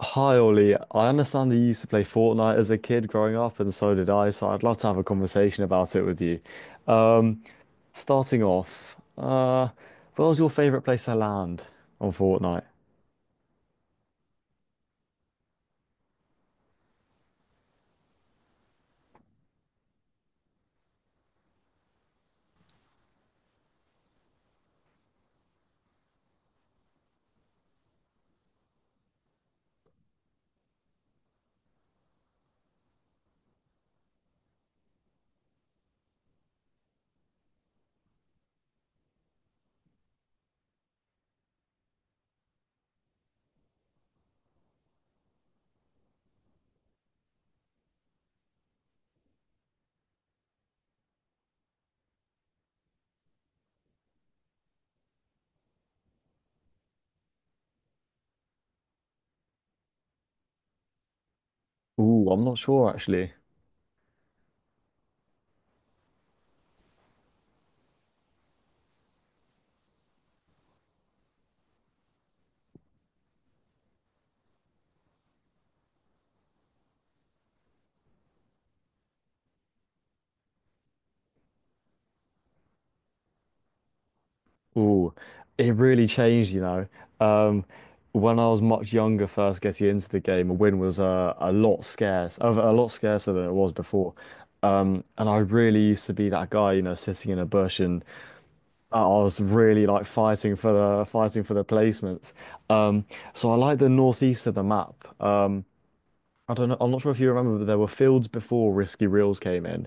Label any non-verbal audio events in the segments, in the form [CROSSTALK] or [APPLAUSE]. Hi Ollie, I understand that you used to play Fortnite as a kid growing up, and so did I, so I'd love to have a conversation about it with you. Um, Starting off, where was your favorite place to land on Fortnite? Ooh, I'm not sure actually. Ooh, it really changed. Um, when I was much younger, first getting into the game, a win was a lot scarcer than it was before. And I really used to be that guy, sitting in a bush, and I was really like fighting for the placements. Um, so I like the northeast of the map. Uh, I don't know. I'm not sure if you remember, but there were fields before Risky Reels came in,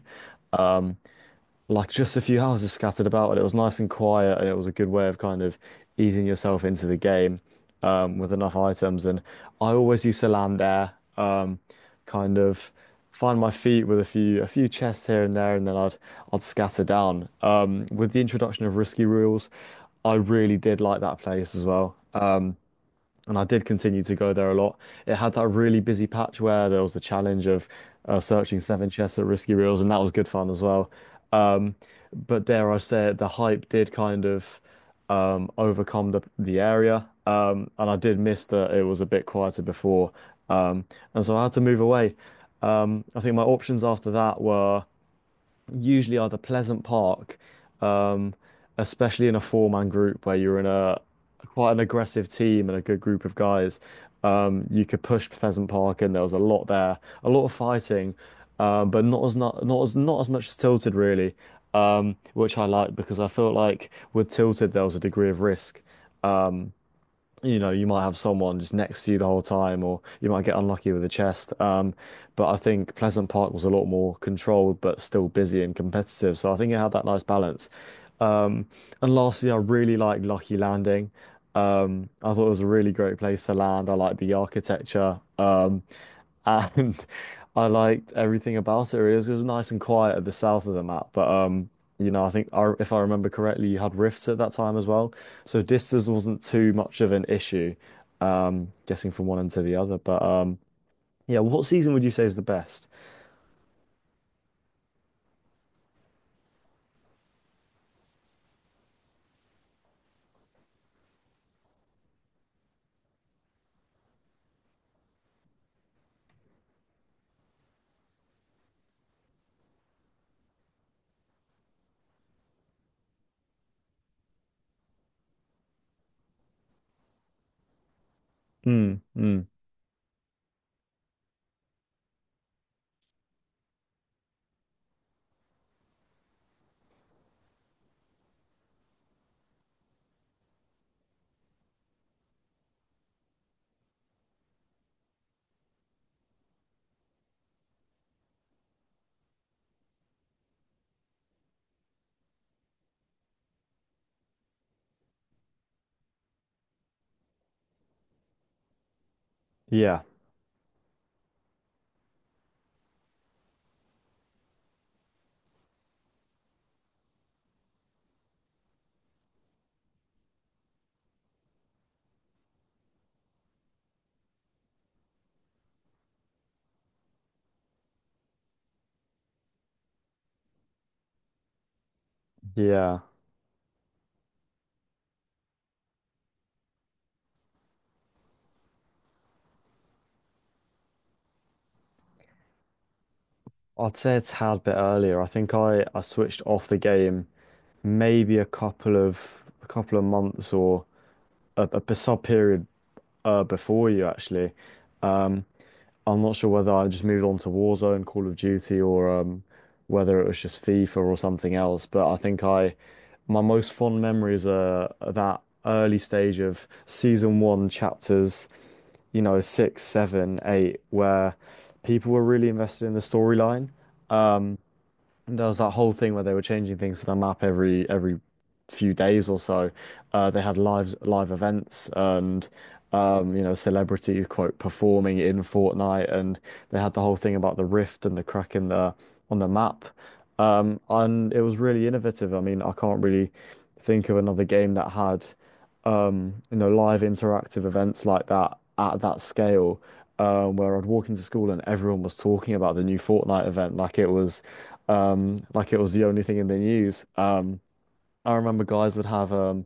like just a few houses scattered about, and it was nice and quiet, and it was a good way of kind of easing yourself into the game, with enough items. And I always used to land there, um, kind of find my feet with a few chests here and there, and then I'd scatter down. With the introduction of risky rules, I really did like that place as well. And I did continue to go there a lot. It had that really busy patch where there was the challenge of searching seven chests at Risky Reels, and that was good fun as well. Um, but dare I say it, the hype did kind of overcome the area, and I did miss that it was a bit quieter before, um, and so I had to move away. I think my options after that were usually are Pleasant Park, um, especially in a four-man group where you're in a quite an aggressive team and a good group of guys. You could push Pleasant Park, and there was a lot there, a lot of fighting, but not as much as Tilted really, which I liked because I felt like with Tilted there was a degree of risk, you might have someone just next to you the whole time, or you might get unlucky with a chest. But I think Pleasant Park was a lot more controlled, but still busy and competitive. So I think it had that nice balance. Um, and lastly, I really like Lucky Landing. I thought it was a really great place to land. I liked the architecture. And [LAUGHS] I liked everything about it really. It was nice and quiet at the south of the map, but I think, if I remember correctly, you had rifts at that time as well, so distance wasn't too much of an issue, getting from one end to the other. But yeah, what season would you say is the best? Mm, mm. Yeah, yeah. I'd say a tad bit earlier. I think I switched off the game maybe a couple of months or a sub period before you actually. Um, I'm not sure whether I just moved on to Warzone, Call of Duty, or whether it was just FIFA or something else. But I think, my most fond memories are that early stage of season one, chapters, six, seven, eight, where people were really invested in the storyline. And there was that whole thing where they were changing things to the map every few days or so. They had live events and celebrities quote performing in Fortnite, and they had the whole thing about the rift and the crack in the on the map. And it was really innovative. I mean, I can't really think of another game that had live interactive events like that at that scale, where I'd walk into school and everyone was talking about the new Fortnite event, like it was the only thing in the news. I remember guys would have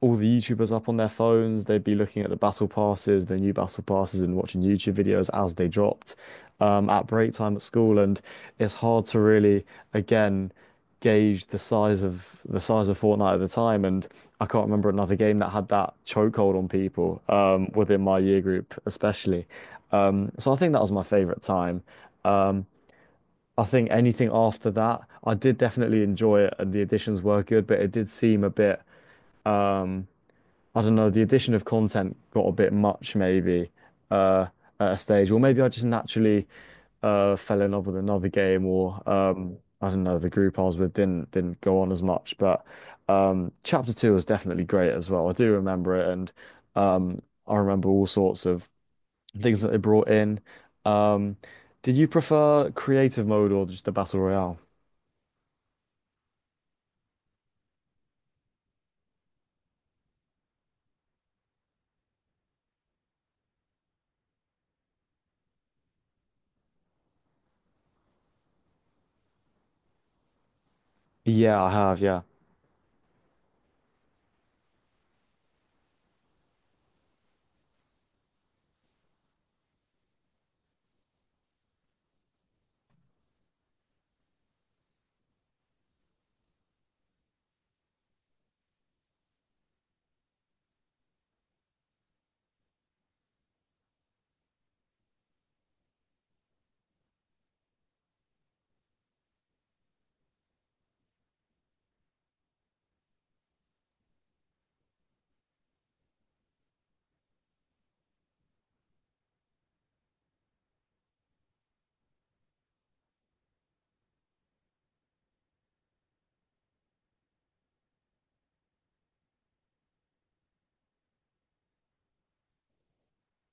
all the YouTubers up on their phones. They'd be looking at the battle passes, the new battle passes, and watching YouTube videos as they dropped, at break time at school. And it's hard to really, again, gauge the size of Fortnite at the time. And I can't remember another game that had that chokehold on people, within my year group, especially. So I think that was my favorite time. Um, I think anything after that, I did definitely enjoy it, and the additions were good, but it did seem a bit, I don't know, the addition of content got a bit much maybe, uh, at a stage, or maybe I just naturally fell in love with another game, or I don't know, the group I was with didn't go on as much. But chapter two was definitely great as well. I do remember it, and um, I remember all sorts of things that they brought in. Um, did you prefer creative mode or just the battle royale? Yeah, I have. Yeah.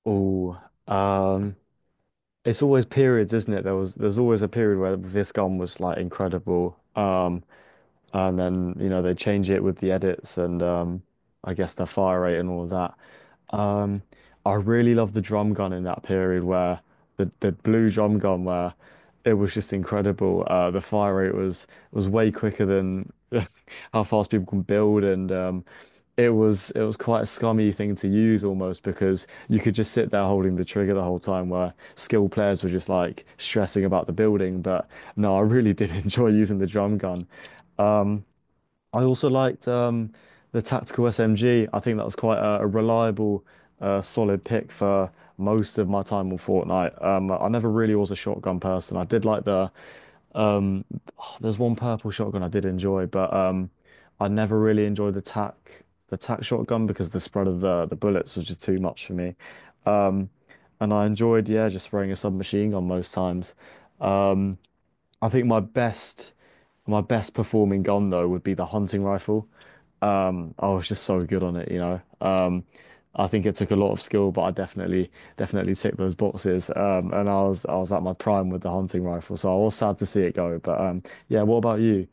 Oh, it's always periods, isn't it? There's always a period where this gun was like incredible. And then they change it with the edits, and I guess their fire rate and all of that. Um, I really love the drum gun in that period where the blue drum gun where it was just incredible. The fire rate was way quicker than [LAUGHS] how fast people can build, and it was quite a scummy thing to use almost because you could just sit there holding the trigger the whole time where skilled players were just like stressing about the building. But no, I really did [LAUGHS] enjoy using the drum gun. I also liked, the tactical SMG. I think that was quite a reliable, solid pick for most of my time on Fortnite. I never really was a shotgun person. I did like the, um, [SIGHS] there's one purple shotgun I did enjoy, but I never really enjoyed the tac shotgun because the spread of the bullets was just too much for me. And I enjoyed, yeah, just spraying a submachine gun most times. I think my best performing gun though would be the hunting rifle. I was just so good on it. I think it took a lot of skill, but I definitely ticked those boxes. And I was at my prime with the hunting rifle, so I was sad to see it go. But yeah, what about you?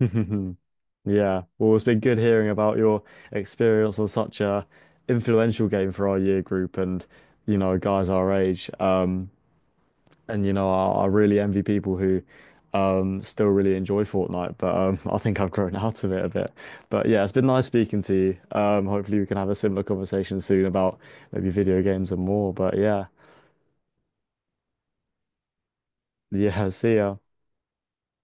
Mm. [LAUGHS] Yeah, well, it's been good hearing about your experience on such a influential game for our year group, and guys our age. And you know, I really envy people who still really enjoy Fortnite, but [LAUGHS] I think I've grown out of it a bit. But yeah, it's been nice speaking to you. Hopefully we can have a similar conversation soon about maybe video games and more. But yeah, yeah, [LAUGHS] see ya.